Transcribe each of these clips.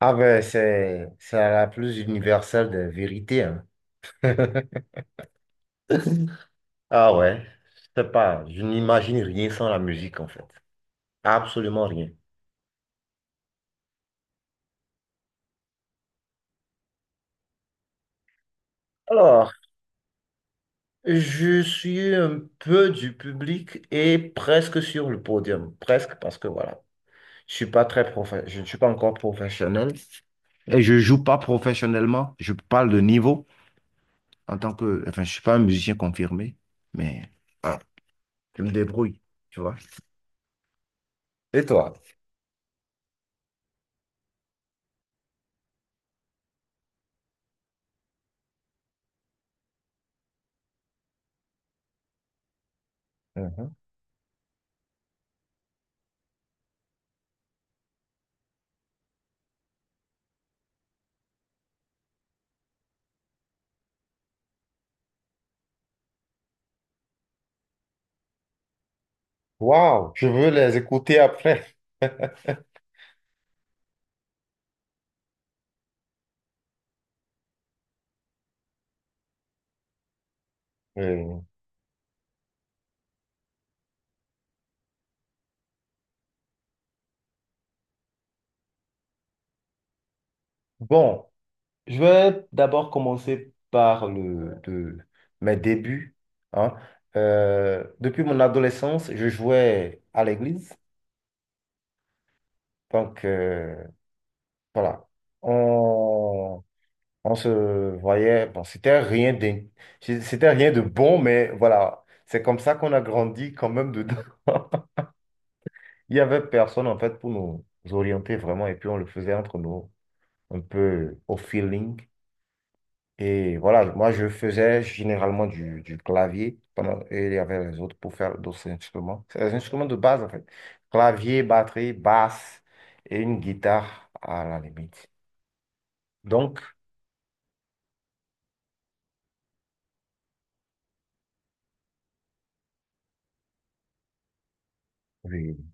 Ah ben, c'est la plus universelle des vérités, hein. Ah ouais, je sais pas, je n'imagine rien sans la musique en fait. Absolument rien. Alors, je suis un peu du public et presque sur le podium. Presque parce que voilà, je ne suis pas encore professionnel et je joue pas professionnellement. Je parle de niveau en tant que, enfin, je suis pas un musicien confirmé, mais ah, je me débrouille, tu vois. Et toi? Mhm. Waouh, je veux les écouter après. Euh, Bon, je vais d'abord commencer par mes débuts, hein. Depuis mon adolescence, je jouais à l'église. Donc, voilà. On, on se voyait. Bon, c'était rien de bon, mais voilà. C'est comme ça qu'on a grandi quand même dedans. Il n'y avait personne, en fait, pour nous orienter vraiment. Et puis, on le faisait entre nous, un peu au feeling. Et voilà, moi, je faisais généralement du clavier pendant, et il y avait les autres pour faire d'autres instruments. C'est les instruments de base, en fait. Clavier, batterie, basse et une guitare à la limite. Donc, oui.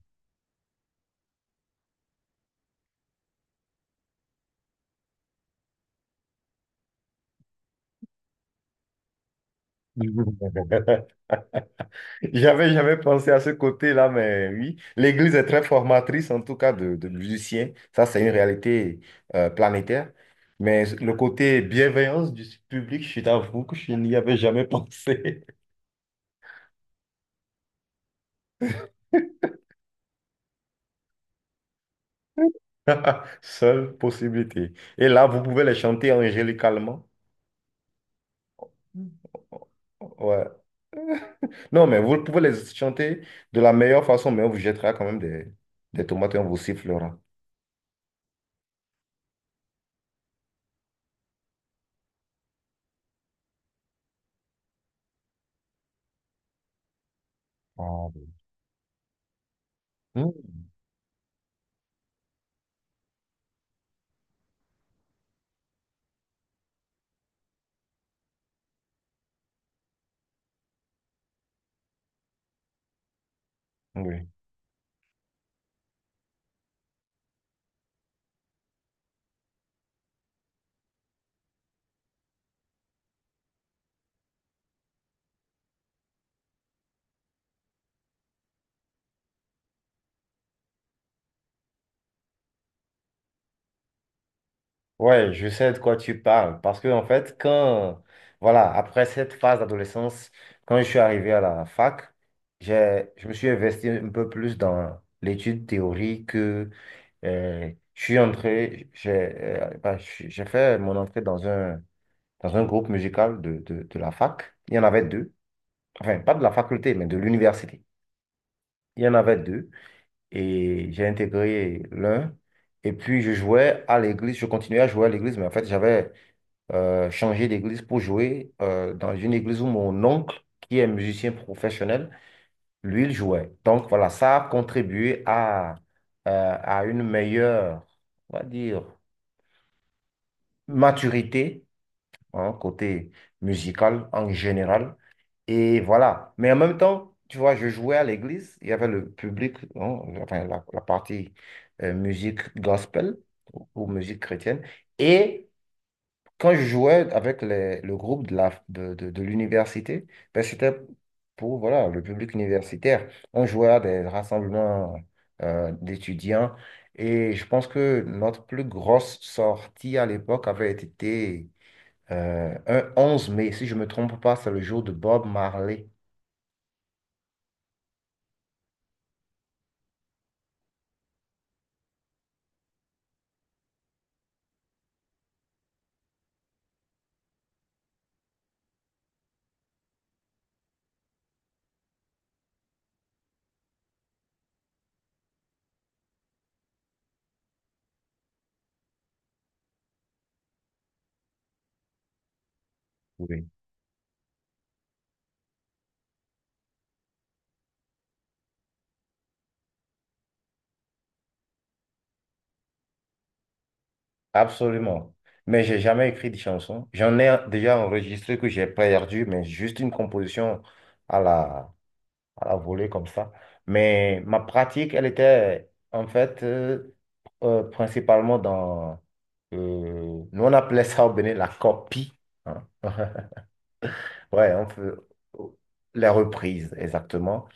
J'avais jamais pensé à ce côté-là, mais oui, l'Église est très formatrice, en tout cas, de musiciens. Ça, c'est une réalité planétaire. Mais le côté bienveillance du public, je t'avoue que je n'y avais jamais pensé. Seule possibilité. Et là, vous pouvez les chanter angélicalement. Ouais. Non, mais vous pouvez les chanter de la meilleure façon, mais on vous jettera quand même des tomates et on vous sifflera. Ah, oui. Hmm. Oui. Ouais, je sais de quoi tu parles. Parce que, en fait, voilà, après cette phase d'adolescence, quand je suis arrivé à la fac, je me suis investi un peu plus dans l'étude théorique. Je suis entré, j'ai bah, j'ai fait mon entrée dans un groupe musical de la fac. Il y en avait deux. Enfin, pas de la faculté, mais de l'université. Il y en avait deux. Et j'ai intégré l'un. Et puis, je jouais à l'église. Je continuais à jouer à l'église, mais en fait, j'avais changé d'église pour jouer dans une église où mon oncle, qui est musicien professionnel, lui, il jouait. Donc, voilà, ça a contribué à une meilleure, on va dire, maturité, hein, côté musical en général. Et voilà. Mais en même temps, tu vois, je jouais à l'église, il y avait le public, hein, enfin, la partie musique gospel ou musique chrétienne. Et quand je jouais avec le groupe de la, de l'université, ben, c'était pour voilà, le public universitaire. On jouait à des rassemblements d'étudiants. Et je pense que notre plus grosse sortie à l'époque avait été un 11 mai, si je ne me trompe pas, c'est le jour de Bob Marley. Oui. Absolument. Mais j'ai jamais écrit de chanson. J'en ai déjà enregistré que j'ai perdu, mais juste une composition à la, à la volée comme ça. Mais ma pratique, elle était en fait principalement dans... nous, on appelait ça au Bénin la copie, hein. Ouais, on peut... Les reprises, exactement.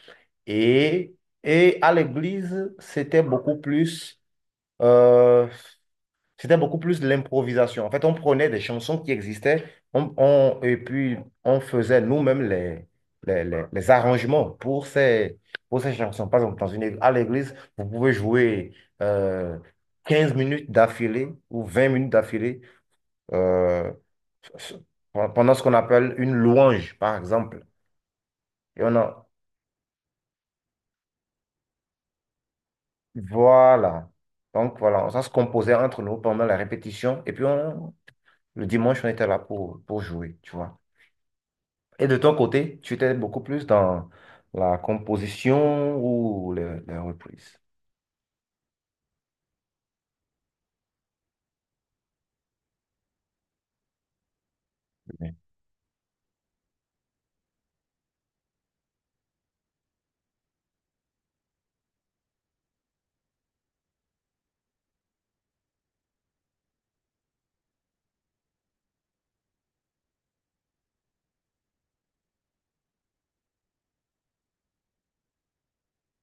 Et, et à l'église, euh, c'était beaucoup plus de l'improvisation. En fait, on prenait des chansons qui existaient, et puis on faisait nous-mêmes les arrangements pour ces chansons. Par exemple, dans à l'église, vous pouvez jouer euh, 15 minutes d'affilée ou 20 minutes d'affilée euh, pendant ce qu'on appelle une louange, par exemple. Et on a, voilà. Donc voilà, ça se composait entre nous pendant la répétition. Et puis le dimanche, on était là pour jouer, tu vois. Et de ton côté, tu étais beaucoup plus dans la composition ou les reprises. Oui,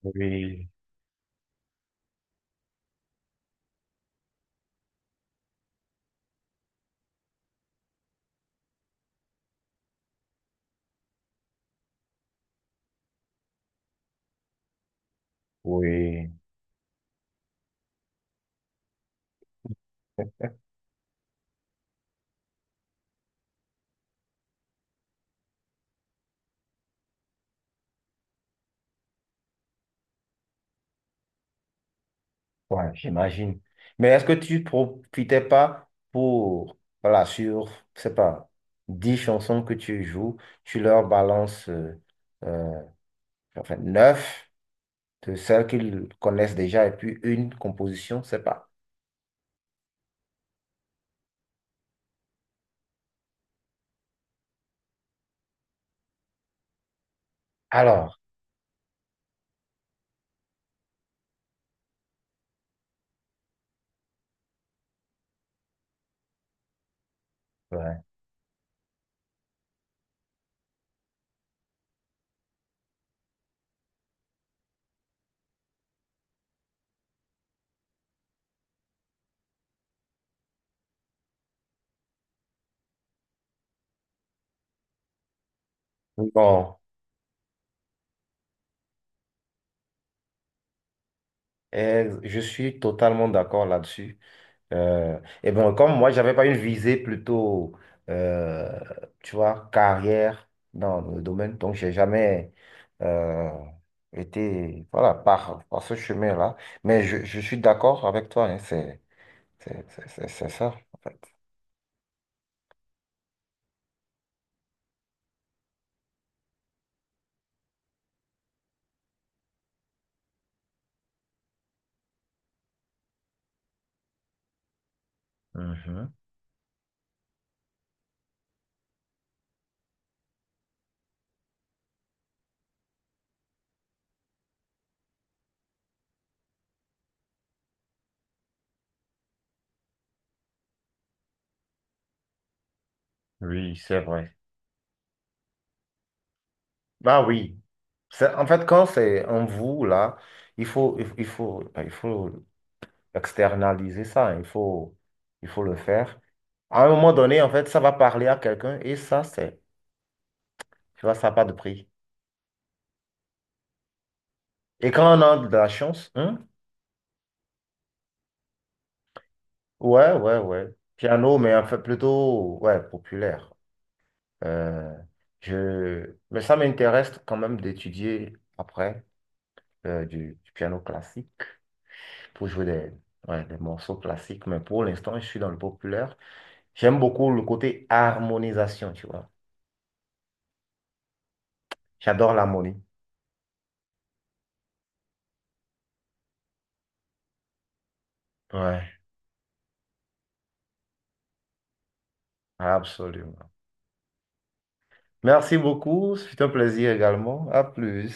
oui, oui. Ouais, j'imagine. Mais est-ce que tu profitais pas pour, voilà, sur, je sais pas, 10 chansons que tu joues, tu leur balances, euh, enfin, 9? De celles qu'ils connaissent déjà et puis une composition, c'est pas. Alors, ouais. Bon, eh, je suis totalement d'accord là-dessus. Et bon, comme moi, j'avais pas une visée plutôt, euh, tu vois, carrière dans le domaine, donc j'ai jamais euh, été, voilà, par ce chemin-là. Mais je suis d'accord avec toi, hein, c'est ça, en fait. Mhm. Oui, c'est vrai. Bah oui. C'est- En fait, quand c'est en vous, là, il faut externaliser ça, hein. Il faut le faire. À un moment donné, en fait, ça va parler à quelqu'un et ça, c'est, tu vois, ça n'a pas de prix. Et quand on a de la chance, hein, ouais, ouais, ouais. Piano, mais en fait, plutôt, ouais, populaire. Euh, je... mais ça m'intéresse quand même d'étudier après du piano classique, pour jouer des, ouais, des morceaux classiques, mais pour l'instant, je suis dans le populaire. J'aime beaucoup le côté harmonisation, tu vois. J'adore l'harmonie. Ouais, absolument. Merci beaucoup, c'est un plaisir également. À plus.